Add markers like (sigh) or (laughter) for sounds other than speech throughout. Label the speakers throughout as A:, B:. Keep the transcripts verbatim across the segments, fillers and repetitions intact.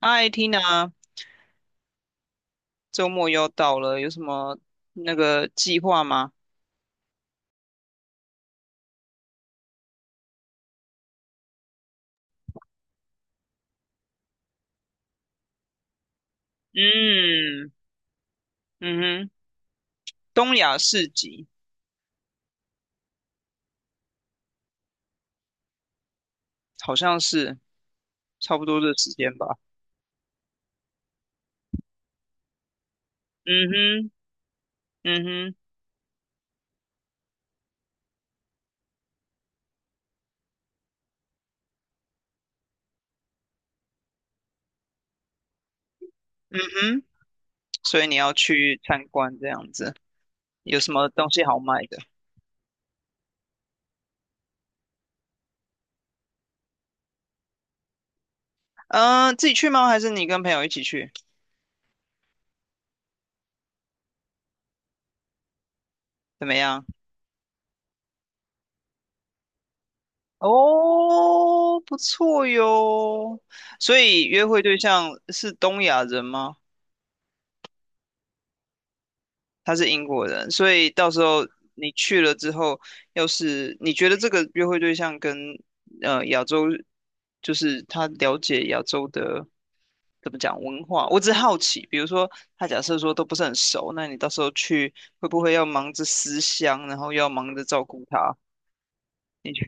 A: 嗨，Tina，周末又到了，有什么那个计划吗？嗯，嗯哼，东亚市集。好像是差不多这时间吧。嗯哼，嗯哼，嗯哼，所以你要去参观这样子，有什么东西好卖的？嗯，自己去吗？还是你跟朋友一起去？怎么样？哦，不错哟。所以约会对象是东亚人吗？他是英国人，所以到时候你去了之后，要是你觉得这个约会对象跟呃亚洲，就是他了解亚洲的怎么讲文化，我只是好奇，比如说他假设说都不是很熟，那你到时候去会不会要忙着思乡，然后又要忙着照顾他？你觉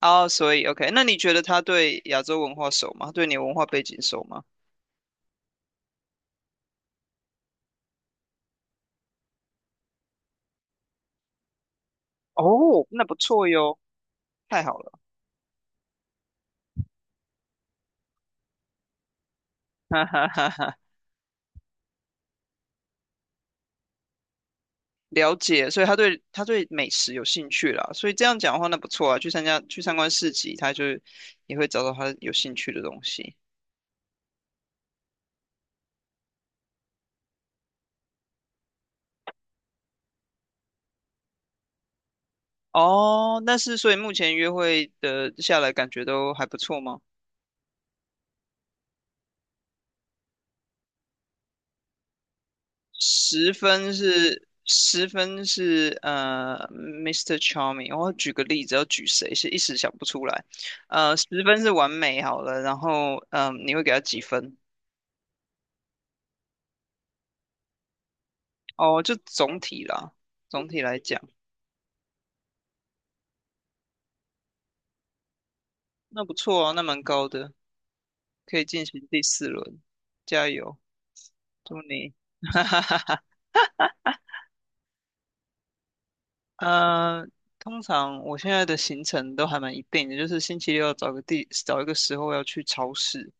A: 哦，所以 OK，那你觉得他对亚洲文化熟吗？对你文化背景熟吗？哦，那不错哟，太好了，(laughs) 哈哈哈哈。了解，所以他对他对美食有兴趣啦，所以这样讲的话，那不错啊，去参加去参观市集，他就也会找到他有兴趣的东西。哦，但是所以目前约会的下来感觉都还不错吗？十分是十分是呃，Mister i s t e Charming，我举个例子，要举谁是一时想不出来。呃，十分是完美好了，然后嗯、呃你会给他几分？哦，就总体啦，总体来讲，那不错啊，那蛮高的。可以进行第四轮，加油，祝你，(laughs) 哈哈。呃，通常我现在的行程都还蛮一定的，就是星期六找个地找一个时候要去超市，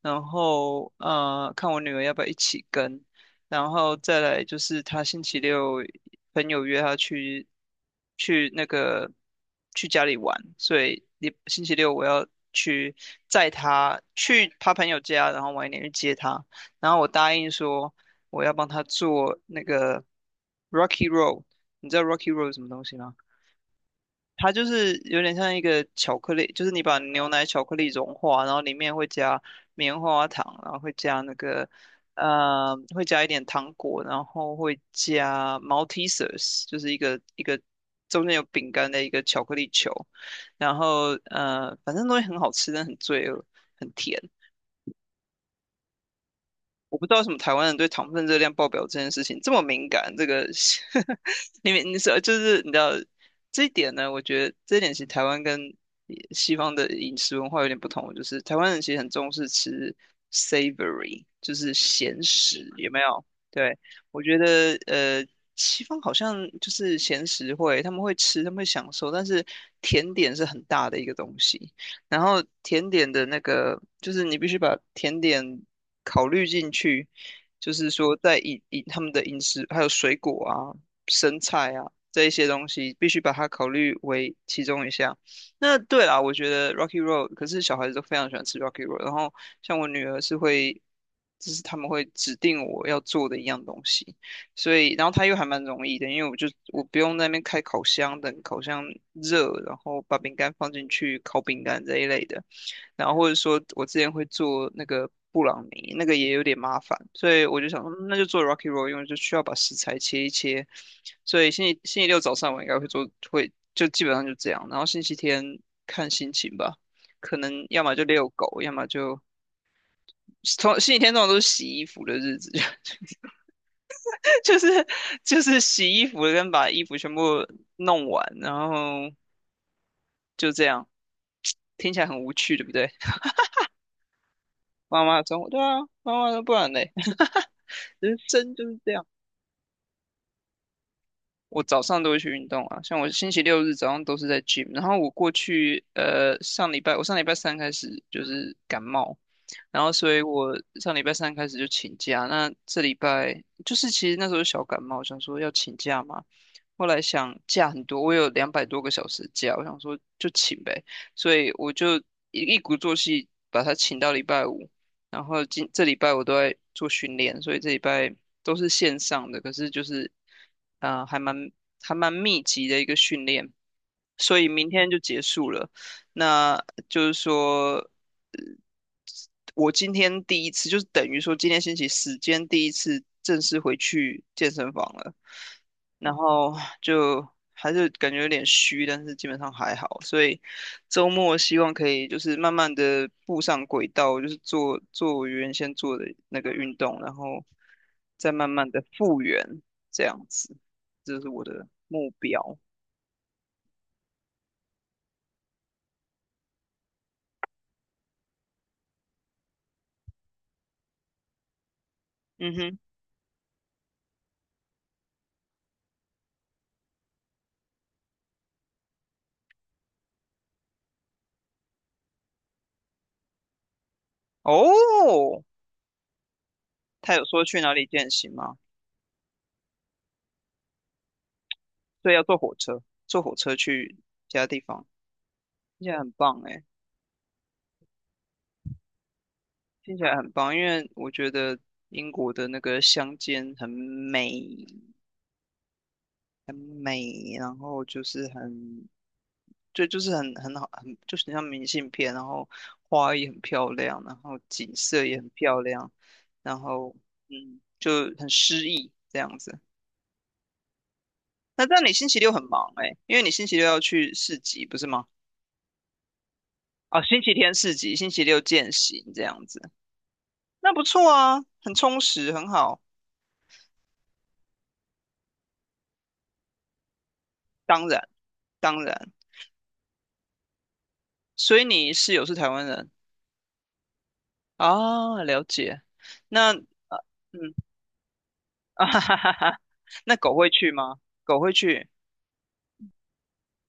A: 然后呃看我女儿要不要一起跟，然后再来就是她星期六朋友约她去去那个去家里玩，所以你星期六我要去载她去她朋友家，然后晚一点去接她，然后我答应说我要帮她做那个 Rocky r o l l， 你知道 Rocky Road 是什么东西吗？它就是有点像一个巧克力，就是你把牛奶巧克力融化，然后里面会加棉花糖，然后会加那个呃，会加一点糖果，然后会加 m a l t e s e s， 就是一个一个中间有饼干的一个巧克力球，然后呃，反正东西很好吃，但很罪恶，很甜。我不知道为什么台湾人对糖分热量爆表这件事情这么敏感，这个 (laughs) 你们你说就是你知道这一点呢？我觉得这一点其实台湾跟西方的饮食文化有点不同，就是台湾人其实很重视吃 savory，就是咸食，有没有？对，我觉得呃，西方好像就是咸食会，他们会吃，他们会享受，但是甜点是很大的一个东西。然后甜点的那个，就是你必须把甜点考虑进去，就是说在饮饮他们的饮食，还有水果啊、生菜啊这一些东西，必须把它考虑为其中一项。那对啦，我觉得 Rocky Road，可是小孩子都非常喜欢吃 Rocky Road，然后像我女儿是会，就是他们会指定我要做的一样东西。所以然后它又还蛮容易的，因为我就我不用在那边开烤箱等烤箱热，然后把饼干放进去烤饼干这一类的，然后或者说我之前会做那个布朗尼，那个也有点麻烦，所以我就想说嗯那就做 Rocky Roll，因为就需要把食材切一切，所以星期星期六早上我应该会做，会就基本上就这样，然后星期天看心情吧，可能要么就遛狗，要么就。通星期天通常都是洗衣服的日子，(laughs) 就是就是洗衣服跟把衣服全部弄完，然后就这样，听起来很无趣，对不对？妈妈的生活，对啊，妈妈的不然嘞，(laughs) 人生就是这样。我早上都会去运动啊，像我星期六日早上都是在 gym，然后我过去呃上礼拜我上礼拜三开始就是感冒，然后所以我上礼拜三开始就请假，那这礼拜就是其实那时候小感冒，想说要请假嘛，后来想假很多，我有两百多个小时假，我想说就请呗，所以我就一一鼓作气把它请到礼拜五，然后今这礼拜我都在做训练，所以这礼拜都是线上的，可是就是呃还蛮还蛮密集的一个训练，所以明天就结束了，那就是说。我今天第一次，就是等于说今天星期四，间第一次正式回去健身房了，然后就还是感觉有点虚，但是基本上还好，所以周末希望可以就是慢慢的步上轨道，就是做做我原先做的那个运动，然后再慢慢的复原，这样子，这是我的目标。嗯哼。哦，他有说去哪里健行吗？对，要坐火车，坐火车去其他地方，听起来很棒哎，听起来很棒，因为我觉得英国的那个乡间很美，很美，然后就是很，就就是很很好，很就是很像明信片，然后花也很漂亮，然后景色也很漂亮，然后嗯，就很诗意这样子。那但你星期六很忙哎，因为你星期六要去市集，不是吗？哦，星期天市集，星期六见行这样子。那不错啊，很充实，很好。当然，当然，所以你室友是台湾人。啊，了解。那嗯， (laughs) 啊哈哈哈哈。那狗会去吗？狗会去？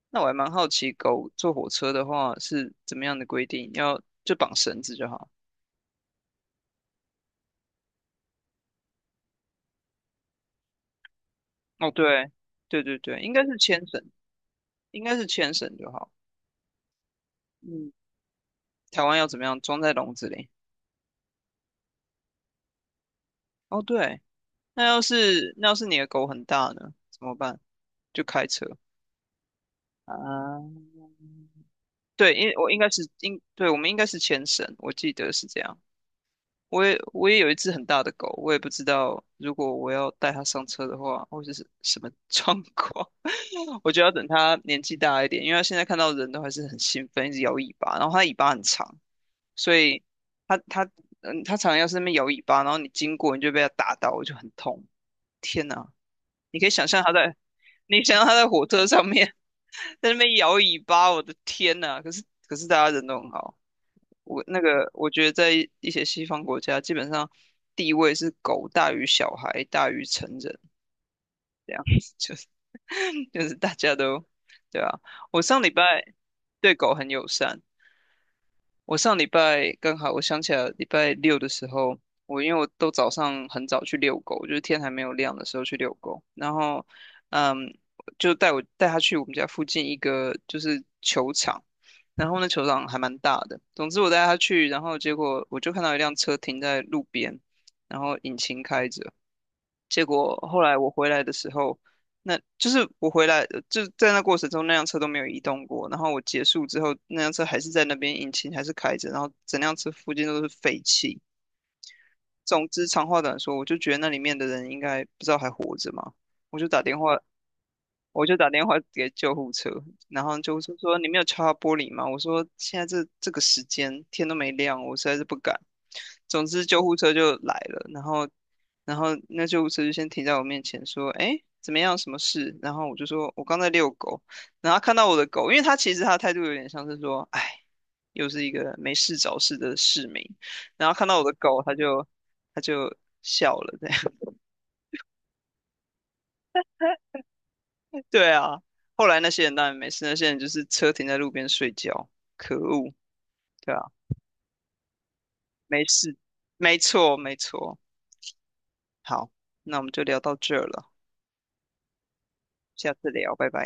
A: 那我还蛮好奇，狗坐火车的话是怎么样的规定？要就绑绳子就好。哦，对，对对对，应该是牵绳，应该是牵绳就好。嗯，台湾要怎么样？装在笼子里。哦，对，那要是那要是你的狗很大呢？怎么办？就开车。啊，对，因为我应该是应，对，我们应该是前绳，我记得是这样。我也我也有一只很大的狗，我也不知道如果我要带它上车的话，会是什么状况。(laughs) 我就要等它年纪大一点，因为它现在看到人都还是很兴奋，一直摇尾巴，然后它尾巴很长，所以它它嗯，它常常要是那边摇尾巴，然后你经过你就被它打到，我就很痛。天呐，你可以想象它在，你想象它在火车上面。在那边摇尾巴，我的天呐！可是可是大家人都很好，我那个我觉得在一些西方国家，基本上地位是狗大于小孩大于成人这样子，(laughs) 就是就是大家都对啊。我上礼拜对狗很友善，我上礼拜刚好，我想起来礼拜六的时候，我因为我都早上很早去遛狗，就是天还没有亮的时候去遛狗，然后，嗯，就带我带他去我们家附近一个就是球场，然后那球场还蛮大的。总之我带他去，然后结果我就看到一辆车停在路边，然后引擎开着。结果后来我回来的时候，那就是我回来就在那过程中，那辆车都没有移动过。然后我结束之后，那辆车还是在那边，引擎还是开着，然后整辆车附近都是废气。总之，长话短说，我就觉得那里面的人应该不知道还活着嘛。我就打电话，我就打电话给救护车，然后救护车说你没有敲到玻璃吗？我说现在这这个时间天都没亮，我实在是不敢。总之救护车就来了，然后然后那救护车就先停在我面前说，哎，怎么样，什么事？然后我就说我刚在遛狗，然后他看到我的狗，因为他其实他的态度有点像是说，哎，又是一个没事找事的市民，然后看到我的狗，他就他就笑了，对。对啊，后来那些人当然没事，那些人就是车停在路边睡觉，可恶，对啊，没事，没错，没错。好，那我们就聊到这儿了，下次聊，拜拜。